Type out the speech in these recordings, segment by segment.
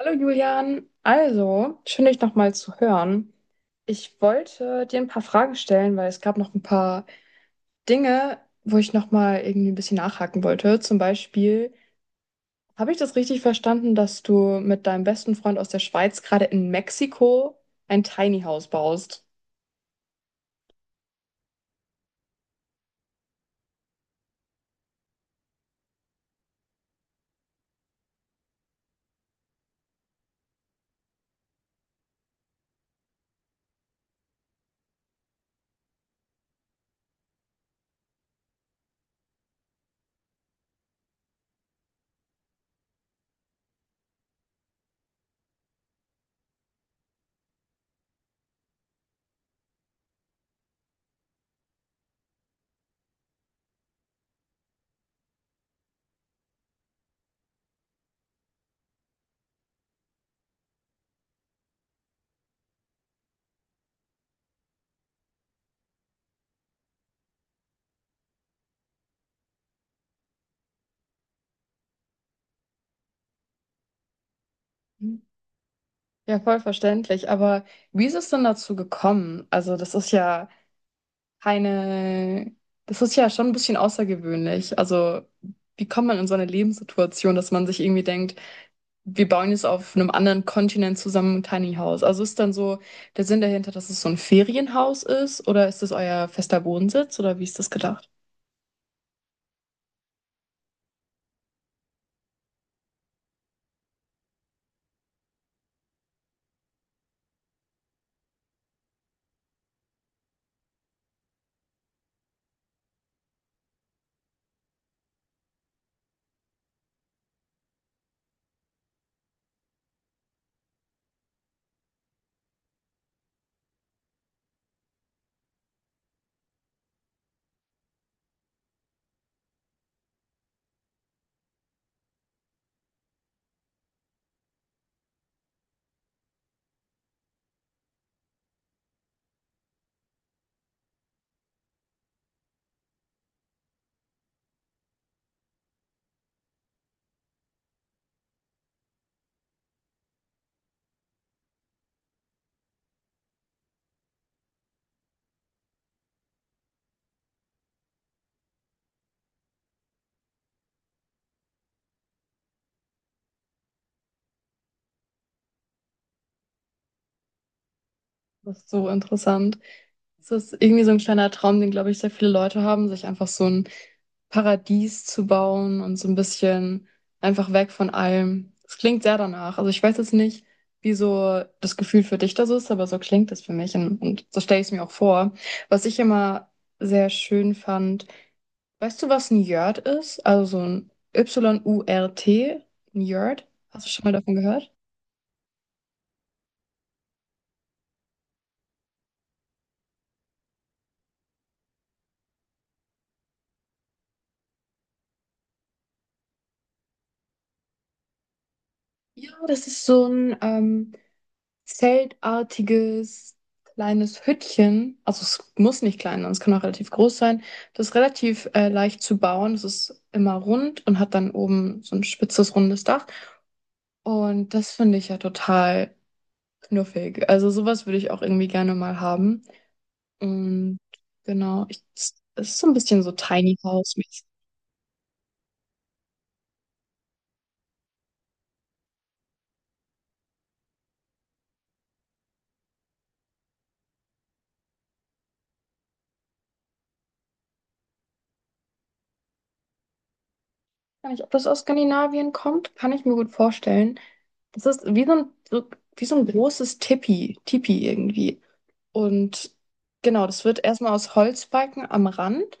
Hallo Julian, also schön dich nochmal zu hören. Ich wollte dir ein paar Fragen stellen, weil es gab noch ein paar Dinge, wo ich nochmal irgendwie ein bisschen nachhaken wollte. Zum Beispiel, habe ich das richtig verstanden, dass du mit deinem besten Freund aus der Schweiz gerade in Mexiko ein Tiny House baust? Hm. Ja, voll verständlich. Aber wie ist es denn dazu gekommen? Also, das ist ja keine das ist ja schon ein bisschen außergewöhnlich. Also, wie kommt man in so eine Lebenssituation, dass man sich irgendwie denkt, wir bauen jetzt auf einem anderen Kontinent zusammen ein Tiny House? Also ist dann so der Sinn dahinter, dass es so ein Ferienhaus ist oder ist es euer fester Wohnsitz oder wie ist das gedacht? Das ist so interessant. Es ist irgendwie so ein kleiner Traum, den, glaube ich, sehr viele Leute haben, sich einfach so ein Paradies zu bauen und so ein bisschen einfach weg von allem. Es klingt sehr danach. Also ich weiß jetzt nicht, wie so das Gefühl für dich da so ist, aber so klingt es für mich und so stelle ich es mir auch vor. Was ich immer sehr schön fand, weißt du, was ein Yurt ist? Also so ein Yurt, ein Yurt. Hast du schon mal davon gehört? Ja, das ist so ein zeltartiges kleines Hüttchen. Also es muss nicht klein sein, es kann auch relativ groß sein. Das ist relativ leicht zu bauen. Es ist immer rund und hat dann oben so ein spitzes, rundes Dach. Und das finde ich ja total knuffig. Also sowas würde ich auch irgendwie gerne mal haben. Und genau, es ist so ein bisschen so Tiny House. Gar nicht, ob das aus Skandinavien kommt, kann ich mir gut vorstellen. Das ist wie so ein großes Tipi irgendwie. Und genau, das wird erstmal aus Holzbalken am Rand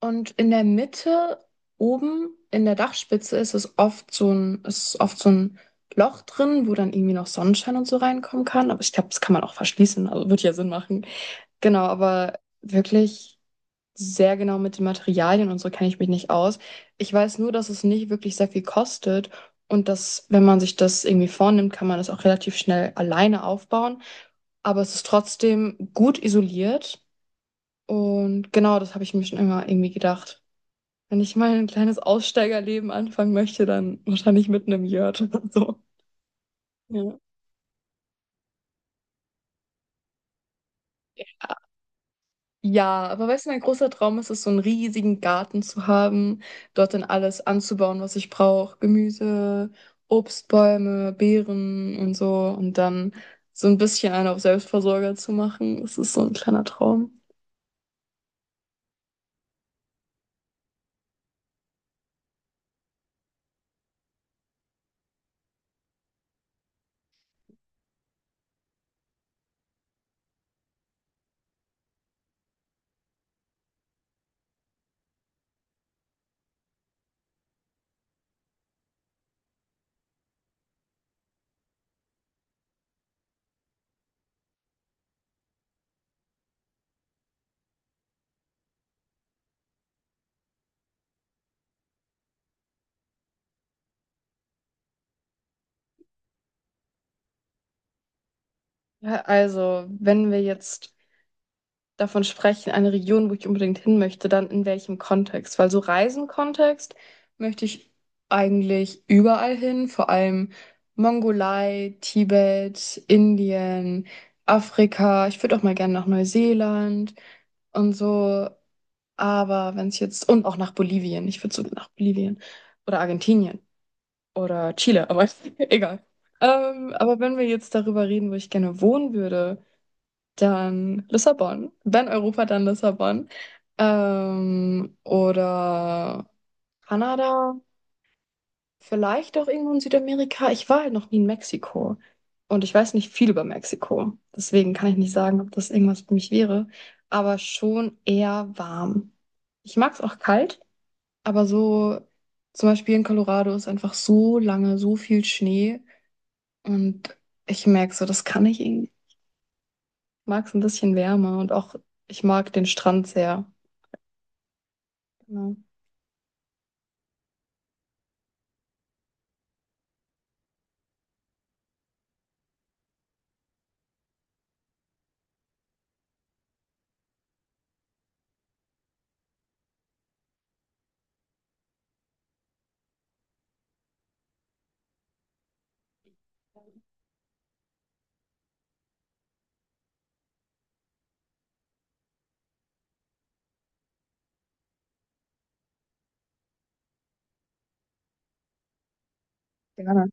und in der Mitte oben in der Dachspitze ist oft so ein Loch drin, wo dann irgendwie noch Sonnenschein und so reinkommen kann. Aber ich glaube, das kann man auch verschließen, also wird ja Sinn machen. Genau, aber wirklich sehr genau mit den Materialien und so kenne ich mich nicht aus. Ich weiß nur, dass es nicht wirklich sehr viel kostet und dass, wenn man sich das irgendwie vornimmt, kann man das auch relativ schnell alleine aufbauen. Aber es ist trotzdem gut isoliert und genau das habe ich mir schon immer irgendwie gedacht. Wenn ich mal ein kleines Aussteigerleben anfangen möchte, dann wahrscheinlich mit einem Yurt oder so. Ja. Ja, aber weißt du, mein großer Traum ist es, so einen riesigen Garten zu haben, dort dann alles anzubauen, was ich brauche. Gemüse, Obstbäume, Beeren und so. Und dann so ein bisschen einen auf Selbstversorger zu machen. Das ist so ein kleiner Traum. Ja, also, wenn wir jetzt davon sprechen, eine Region, wo ich unbedingt hin möchte, dann in welchem Kontext? Weil so Reisenkontext möchte ich eigentlich überall hin, vor allem Mongolei, Tibet, Indien, Afrika. Ich würde auch mal gerne nach Neuseeland und so. Aber wenn es jetzt, und auch nach Bolivien, ich würde sogar nach Bolivien oder Argentinien oder Chile, aber egal. Aber wenn wir jetzt darüber reden, wo ich gerne wohnen würde, dann Lissabon. Wenn Europa, dann Lissabon. Oder Kanada. Vielleicht auch irgendwo in Südamerika. Ich war halt noch nie in Mexiko. Und ich weiß nicht viel über Mexiko. Deswegen kann ich nicht sagen, ob das irgendwas für mich wäre. Aber schon eher warm. Ich mag es auch kalt, aber so zum Beispiel in Colorado ist einfach so lange, so viel Schnee. Und ich merke so, das kann ich irgendwie. Mag es ein bisschen wärmer und auch ich mag den Strand sehr. Genau. Gerne.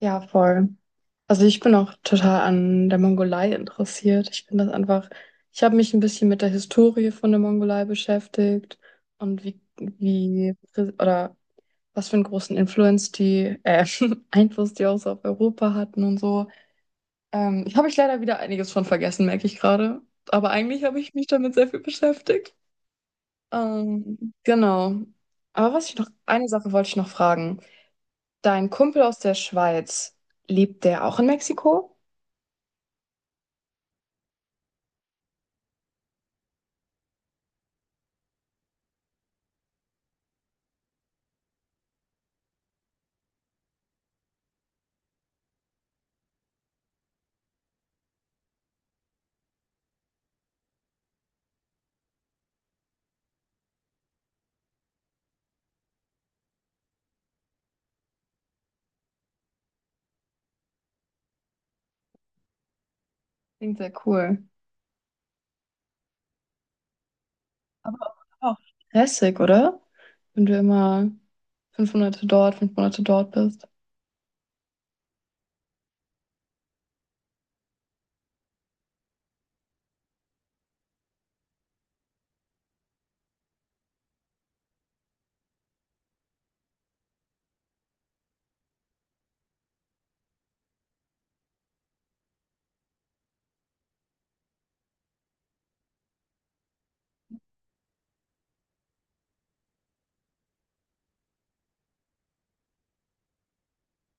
Ja, voll. Also ich bin auch total an der Mongolei interessiert. Ich finde das einfach, ich habe mich ein bisschen mit der Historie von der Mongolei beschäftigt und oder was für einen großen Influence die, Einfluss die auch so auf Europa hatten und so. Habe ich leider wieder einiges von vergessen, merke ich gerade. Aber eigentlich habe ich mich damit sehr viel beschäftigt. Genau. Aber was ich noch, eine Sache wollte ich noch fragen. Dein Kumpel aus der Schweiz, lebt der auch in Mexiko? Klingt sehr cool. Aber auch stressig, oder? Wenn du immer 5 Monate dort, 5 Monate dort bist.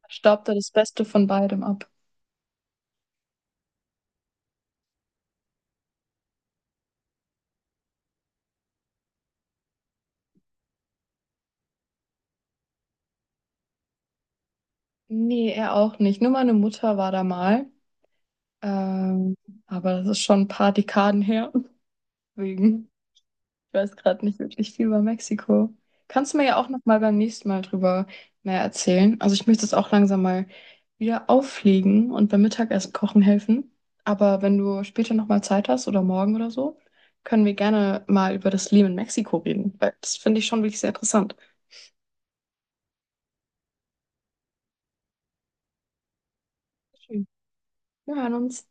Staubt er das Beste von beidem ab? Nee, er auch nicht. Nur meine Mutter war da mal. Ähm, aber das ist schon ein paar Dekaden her. Deswegen. Ich weiß gerade nicht wirklich viel über Mexiko. Kannst du mir ja auch noch mal beim nächsten Mal drüber mehr erzählen? Also ich möchte es auch langsam mal wieder auffliegen und beim Mittagessen kochen helfen. Aber wenn du später noch mal Zeit hast oder morgen oder so, können wir gerne mal über das Leben in Mexiko reden, weil das finde ich schon wirklich sehr interessant. Schön. Wir hören uns.